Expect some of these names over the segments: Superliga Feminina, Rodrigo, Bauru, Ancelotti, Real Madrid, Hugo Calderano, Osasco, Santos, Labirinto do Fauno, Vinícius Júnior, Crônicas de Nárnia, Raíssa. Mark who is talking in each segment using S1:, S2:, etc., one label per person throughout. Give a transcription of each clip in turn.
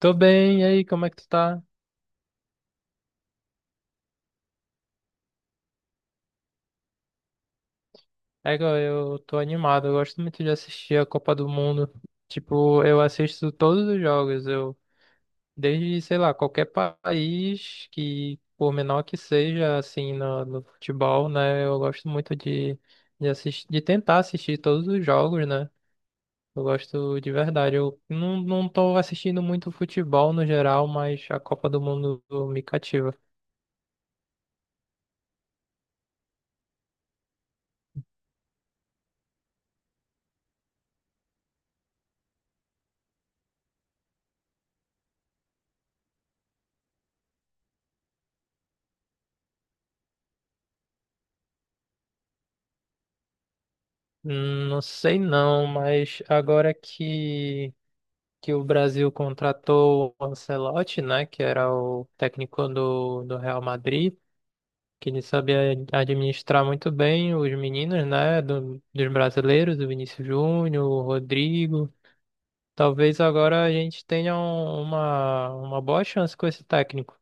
S1: Tô bem, e aí, como é que tu tá? É, eu tô animado, eu gosto muito de assistir a Copa do Mundo. Tipo, eu assisto todos os jogos, eu, desde, sei lá, país que, por menor que seja, assim, no futebol, né, eu gosto muito de assistir, de tentar assistir todos os jogos, né? Eu gosto de verdade. Eu não, não tô assistindo muito futebol no geral, mas a Copa do Mundo me cativa. Não sei não, mas agora que o Brasil contratou o Ancelotti, né, que era o técnico do Real Madrid, que ele sabia administrar muito bem os meninos, né, dos brasileiros, o Vinícius Júnior, o Rodrigo. Talvez agora a gente tenha uma boa chance com esse técnico.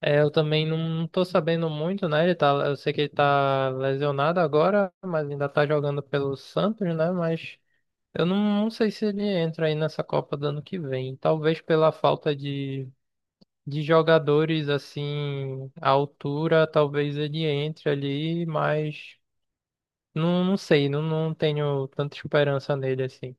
S1: É, eu também não tô sabendo muito, né? Ele tá, eu sei que ele tá lesionado agora, mas ainda tá jogando pelo Santos, né? Mas eu não, não sei se ele entra aí nessa Copa do ano que vem. Talvez pela falta de jogadores assim à altura, talvez ele entre ali, mas não sei, não tenho tanta esperança nele assim.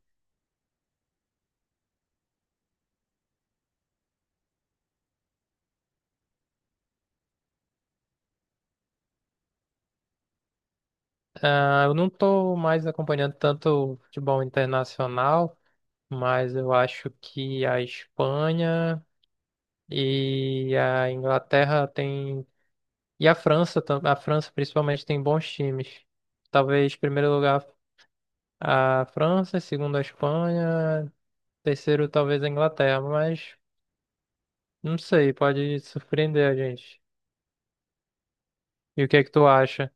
S1: Ah, eu não tô mais acompanhando tanto o futebol internacional, mas eu acho que a Espanha e a Inglaterra têm. E a França, a França principalmente tem bons times. Talvez, em primeiro lugar. A França, segundo a Espanha, terceiro talvez a Inglaterra, mas não sei, pode surpreender a gente. E o que é que tu acha?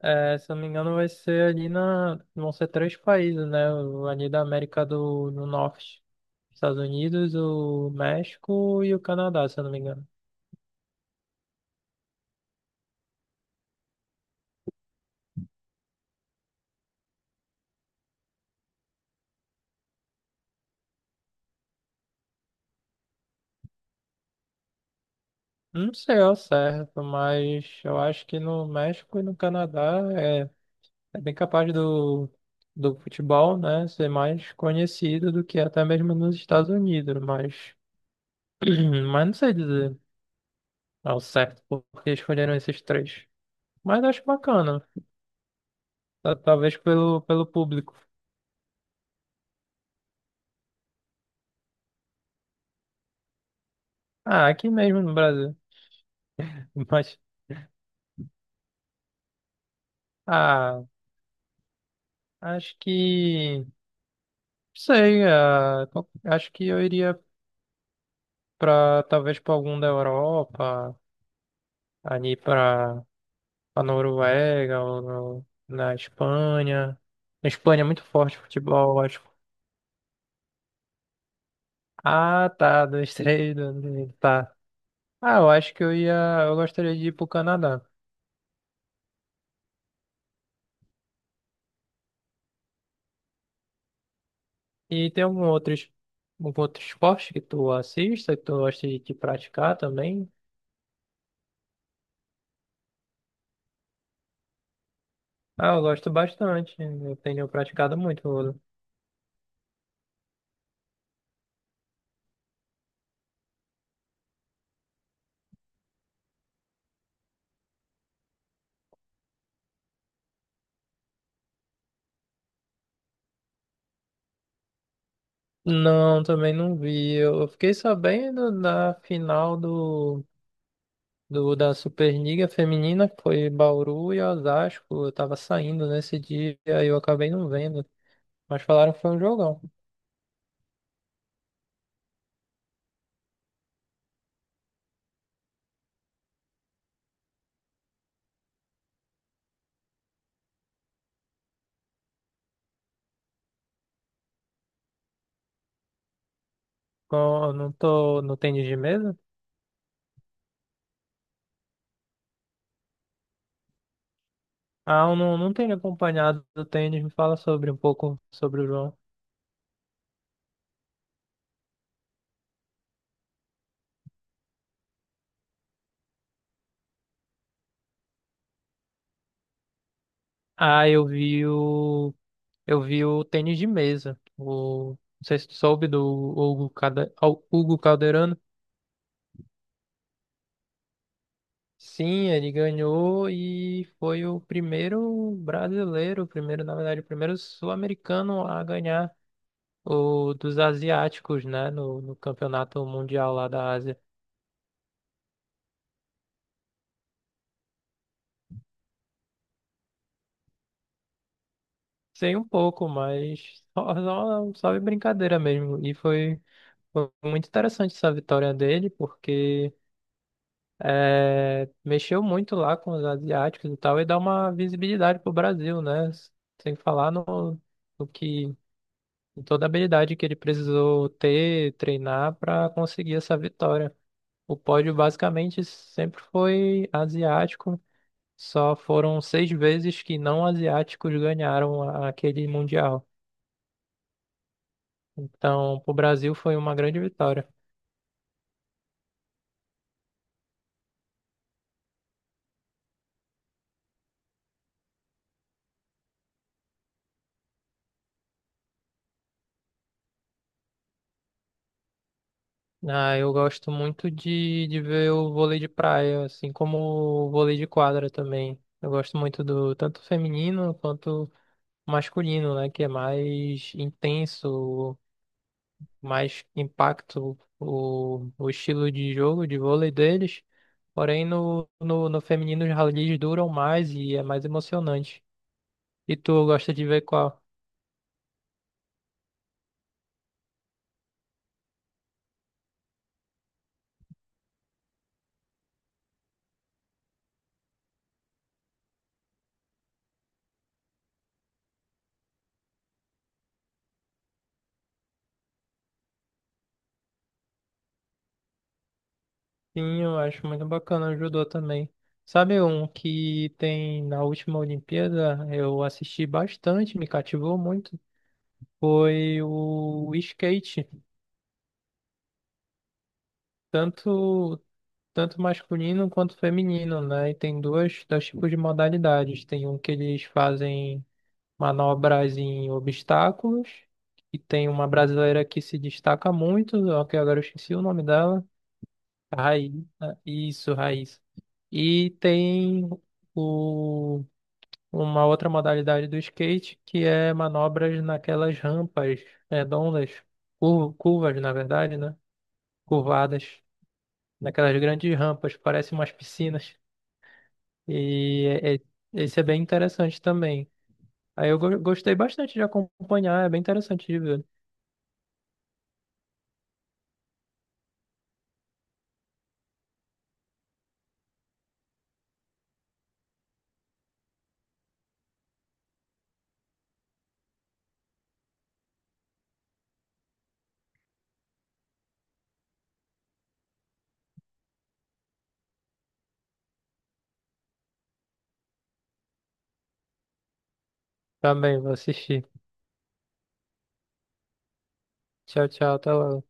S1: É, se eu não me engano, vai ser ali na. Vão ser três países, né? O- ali da América do Norte. Estados Unidos, o México e o Canadá, se eu não me engano. Não sei ao certo, mas eu acho que no México e no Canadá é é bem capaz do futebol, né, ser mais conhecido do que até mesmo nos Estados Unidos, mas, mas não sei dizer ao certo por que escolheram esses três. Mas acho bacana, talvez pelo público. Ah, aqui mesmo no Brasil. Mas, ah, acho que, não sei, ah, acho que eu iria para talvez para algum da Europa, ali para a Noruega, ou na Espanha. Na Espanha é muito forte o futebol, eu acho. Ah, tá, dois, três, dois, três, tá. Ah, eu acho que eu ia, eu gostaria de ir pro Canadá. E tem algum outro, algum outro esporte que tu assista, que tu gosta de praticar também? Ah, eu gosto bastante, né? Eu tenho praticado muito. Vôlei. Não, também não vi. Eu fiquei sabendo da final do do, da Superliga Feminina, que foi Bauru e Osasco. Eu tava saindo nesse dia e eu acabei não vendo. Mas falaram que foi um jogão. Eu não tô no tênis de mesa? Ah, eu não, não tenho acompanhado o tênis. Me fala sobre um pouco sobre o João. Ah, eu vi o. Eu vi o tênis de mesa. O, não sei se tu soube do Hugo, Cade, Hugo Calderano. Sim, ele ganhou e foi o primeiro brasileiro, o primeiro, na verdade, o primeiro sul-americano a ganhar o dos asiáticos, né, no campeonato mundial lá da Ásia. Sei um pouco, mas só de brincadeira mesmo. E foi, foi muito interessante essa vitória dele, porque é, mexeu muito lá com os asiáticos e tal, e dá uma visibilidade pro Brasil, né? Sem falar no, no que toda a habilidade que ele precisou ter, treinar para conseguir essa vitória. O pódio basicamente sempre foi asiático, só foram 6 vezes que não asiáticos ganharam aquele mundial. Então, para o Brasil foi uma grande vitória. Ah, eu gosto muito de ver o vôlei de praia, assim como o vôlei de quadra também. Eu gosto muito do tanto feminino quanto masculino, né, que é mais intenso, mais impacto o estilo de jogo de vôlei deles. Porém, no feminino, os rallies duram mais e é mais emocionante. E tu gosta de ver qual? Sim, eu acho muito bacana o judô também. Sabe um que tem na última Olimpíada? Eu assisti bastante, me cativou muito. Foi o skate, tanto, tanto masculino quanto feminino, né? E tem dois, dois tipos de modalidades. Tem um que eles fazem manobras em obstáculos. E tem uma brasileira que se destaca muito, ó, que agora eu esqueci o nome dela. A Raíssa. Isso, Raíssa. E tem o, uma outra modalidade do skate que é manobras naquelas rampas redondas, curvas, na verdade, né? Curvadas, naquelas grandes rampas, parecem umas piscinas. E é- é- Esse é bem interessante também. Aí eu gostei bastante de acompanhar, é bem interessante de ver. Também vou assistir. Tchau, tchau, até logo.